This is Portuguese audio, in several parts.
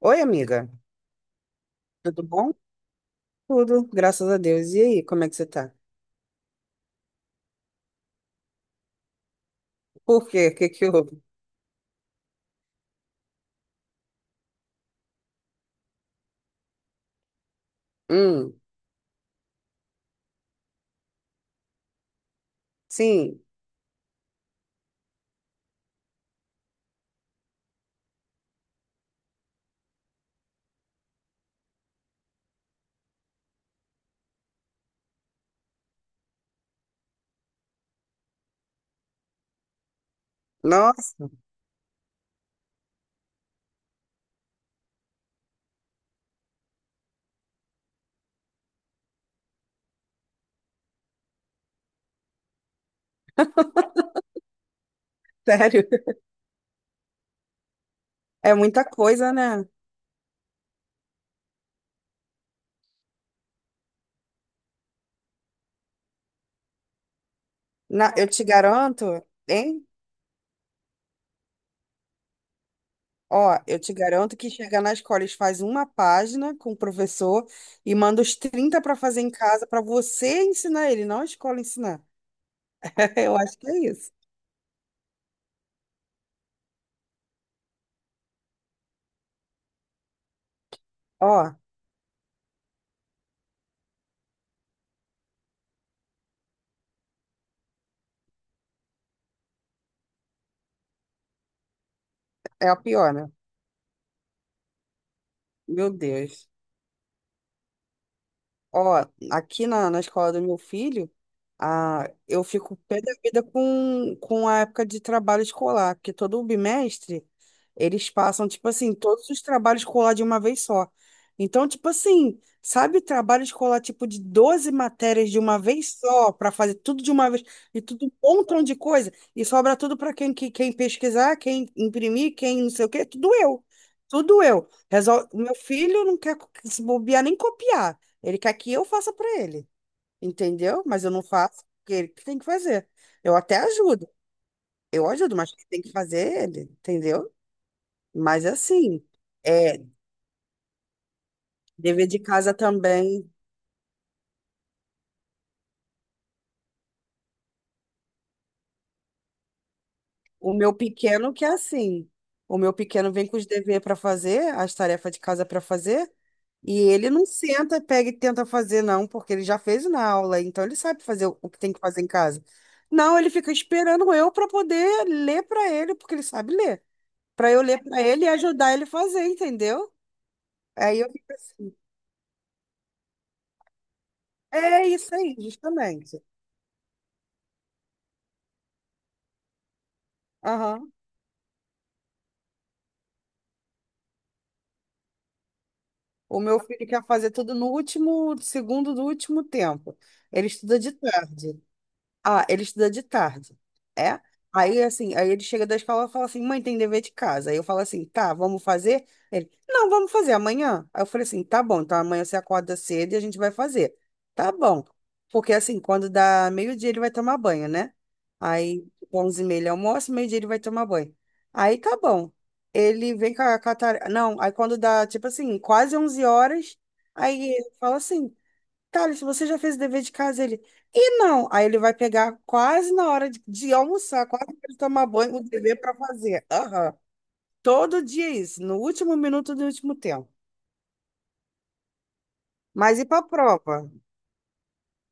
Oi, amiga. Tudo bom? Tudo, graças a Deus. E aí, como é que você tá? Por quê? O que que houve? Hum, sim. Nossa, sério. É muita coisa, né? Na, eu te garanto, hein? Ó, eu te garanto que chegar na escola eles fazem uma página com o professor e manda os 30 para fazer em casa para você ensinar ele, não a escola ensinar. Eu acho que é isso. Ó, é a pior, né? Meu Deus. Ó, aqui na escola do meu filho, a, eu fico pé da vida com a época de trabalho escolar, porque todo bimestre eles passam, tipo assim, todos os trabalhos escolar de uma vez só. Então, tipo assim, sabe, trabalho escolar tipo de 12 matérias de uma vez só, para fazer tudo de uma vez, e tudo um montão de coisa, e sobra tudo para quem, quem pesquisar, quem imprimir, quem não sei o quê, tudo eu. Tudo eu. Meu filho não quer se bobear nem copiar. Ele quer que eu faça para ele, entendeu? Mas eu não faço porque ele que tem que fazer. Eu até ajudo, eu ajudo, mas quem tem que fazer é ele, entendeu? Mas assim, é dever de casa também. O meu pequeno que é assim. O meu pequeno vem com os deveres para fazer, as tarefas de casa para fazer, e ele não senta, pega e tenta fazer, não, porque ele já fez na aula, então ele sabe fazer o que tem que fazer em casa. Não, ele fica esperando eu para poder ler para ele, porque ele sabe ler, para eu ler para ele e ajudar ele a fazer, entendeu? Aí eu fico assim. É isso aí, justamente. Aham. O meu filho quer fazer tudo no último segundo do último tempo. Ele estuda de tarde. Ah, ele estuda de tarde. É? Aí assim, aí ele chega da escola e fala assim: "Mãe, tem dever de casa". Aí eu falo assim: "Tá, vamos fazer?" Ele: "Não, vamos fazer amanhã". Aí eu falei assim: "Tá bom, então amanhã você acorda cedo e a gente vai fazer". Tá bom. Porque assim, quando dá meio-dia ele vai tomar banho, né? Aí 11h30 ele almoça, meio-dia ele vai tomar banho. Aí tá bom. Ele vem com a Não, aí quando dá, tipo assim, quase 11h, aí ele fala assim: Thales, você já fez o dever de casa? Ele, e não. Aí ele vai pegar quase na hora de almoçar, quase na hora de tomar banho, o dever para fazer. Aham. Todo dia é isso, no último minuto do último tempo. Mas e para a prova?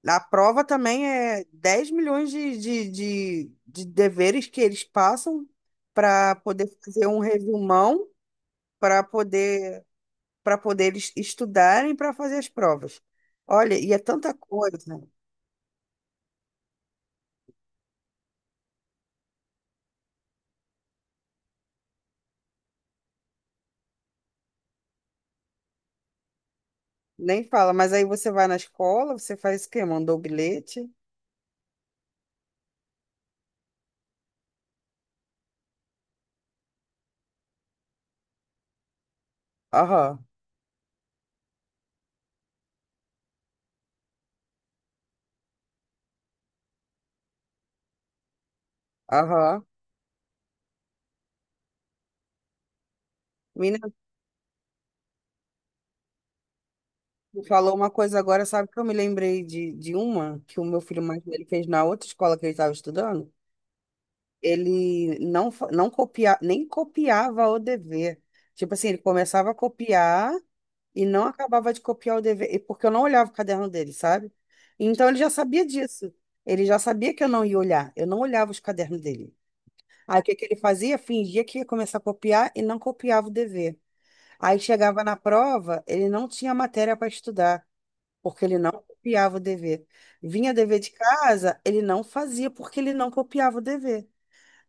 A prova também é 10 milhões de deveres que eles passam para poder fazer um resumão, para poder, para poder eles estudarem para fazer as provas. Olha, e é tanta coisa. Nem fala, mas aí você vai na escola, você faz o quê? Mandou o bilhete? Aham, aham. Mina, tu falou uma coisa agora, sabe que eu me lembrei de uma que o meu filho mais velho fez na outra escola que ele estava estudando? Ele não, não copia, nem copiava o dever. Tipo assim, ele começava a copiar e não acabava de copiar o dever, porque eu não olhava o caderno dele, sabe? Então ele já sabia disso. Ele já sabia que eu não ia olhar. Eu não olhava os cadernos dele. Aí o que que ele fazia? Fingia que ia começar a copiar e não copiava o dever. Aí chegava na prova, ele não tinha matéria para estudar, porque ele não copiava o dever. Vinha dever de casa, ele não fazia porque ele não copiava o dever.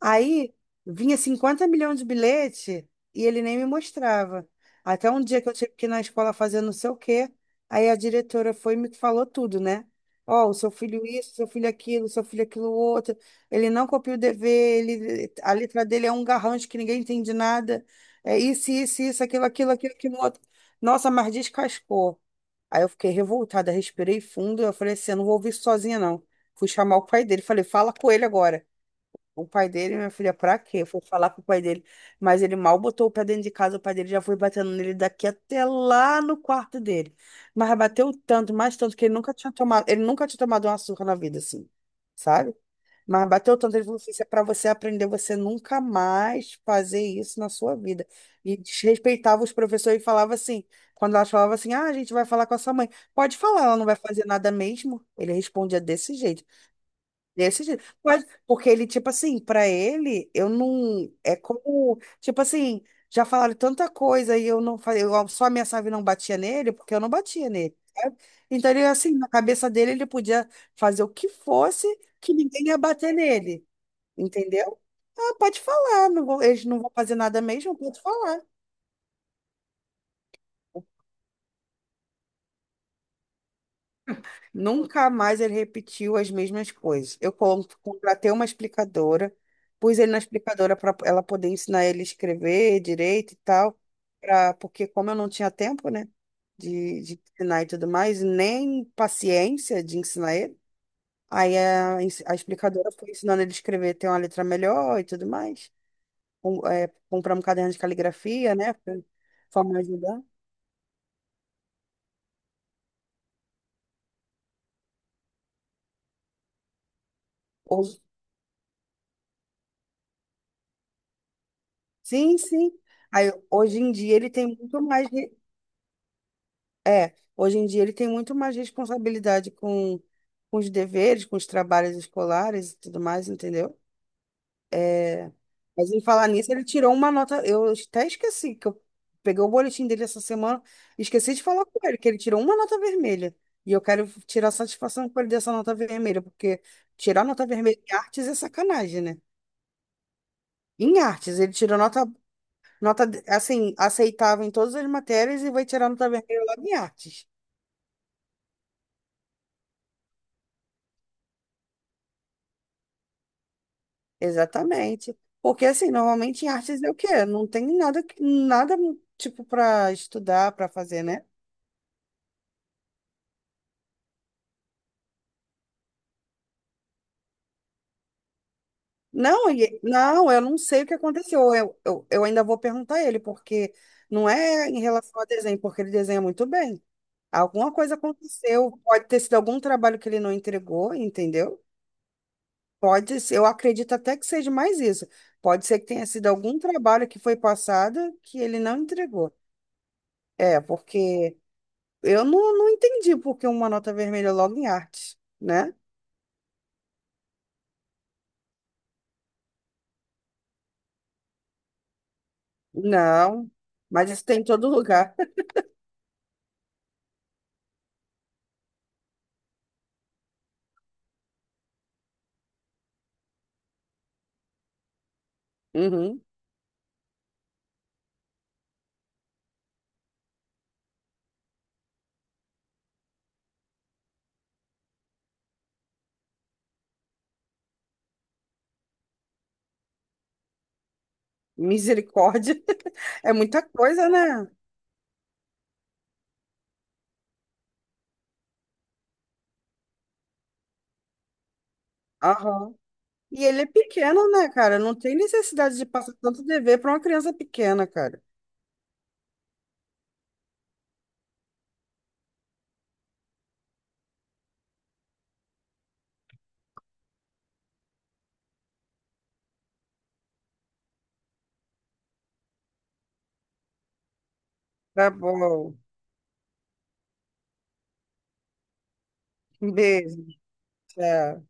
Aí vinha 50 milhões de bilhete e ele nem me mostrava. Até um dia que eu tive que ir na escola fazer não sei o quê, aí a diretora foi e me falou tudo, né? Ó, o seu filho isso, seu filho aquilo outro. Ele não copia o dever, ele, a letra dele é um garrancho que ninguém entende nada. É isso, isso, isso, aquilo, aquilo, aquilo, aquilo outro. Nossa, mas descascou. Aí eu fiquei revoltada, respirei fundo, eu falei assim, eu não vou ouvir isso sozinha, não. Fui chamar o pai dele, falei, fala com ele agora. O pai dele, minha filha, pra quê? Foi falar com o pai dele. Mas ele mal botou o pé dentro de casa, o pai dele já foi batendo nele daqui até lá no quarto dele. Mas bateu tanto, mais tanto, que ele nunca tinha tomado, ele nunca tinha tomado uma surra na vida, assim, sabe? Mas bateu tanto, ele falou assim, isso é pra você aprender, você nunca mais fazer isso na sua vida. E desrespeitava os professores e falava assim, quando elas falavam assim, ah, a gente vai falar com a sua mãe. Pode falar, ela não vai fazer nada mesmo. Ele respondia desse jeito. Desse jeito. Mas, porque ele, tipo assim, pra ele, eu não. É como. Tipo assim, já falaram tanta coisa e eu não falei. Eu só ameaçava e não batia nele, porque eu não batia nele, sabe? Então, ele, assim, na cabeça dele, ele podia fazer o que fosse que ninguém ia bater nele. Entendeu? Ah, pode falar. Não vou, eles não vão fazer nada mesmo, pode falar. Nunca mais ele repetiu as mesmas coisas. Eu contratei uma explicadora, pus ele na explicadora para ela poder ensinar ele a escrever direito e tal, pra, porque como eu não tinha tempo, né, de ensinar e tudo mais, nem paciência de ensinar ele, aí a, a explicadora foi ensinando ele a escrever, ter uma letra melhor e tudo mais. Com, é, comprar um caderno de caligrafia, né, para me ajudar. Hoje, sim, sim. Aí, hoje em dia ele tem muito mais. É, hoje em dia ele tem muito mais responsabilidade com os deveres, com os trabalhos escolares e tudo mais, entendeu? É, mas em falar nisso, ele tirou uma nota. Eu até esqueci que eu peguei o boletim dele essa semana, esqueci de falar com ele, que ele tirou uma nota vermelha. E eu quero tirar satisfação com ele dessa nota vermelha, porque tirar nota vermelha em artes é sacanagem, né? Em artes, ele tirou nota, nota assim, aceitável em todas as matérias e vai tirar nota vermelha lá em artes. Exatamente. Porque assim, normalmente em artes é o quê? Não tem nada, nada tipo para estudar, para fazer, né? Não, não, eu não sei o que aconteceu. Eu ainda vou perguntar a ele, porque não é em relação ao desenho, porque ele desenha muito bem. Alguma coisa aconteceu, pode ter sido algum trabalho que ele não entregou, entendeu? Pode ser, eu acredito até que seja mais isso. Pode ser que tenha sido algum trabalho que foi passado que ele não entregou. É, porque eu não, não entendi por que uma nota vermelha é logo em arte, né? Não, mas isso tem em todo lugar. Uhum. Misericórdia. É muita coisa, né? Aham. E ele é pequeno, né, cara? Não tem necessidade de passar tanto dever para uma criança pequena, cara. Tá bom. Um beijo. Tchau.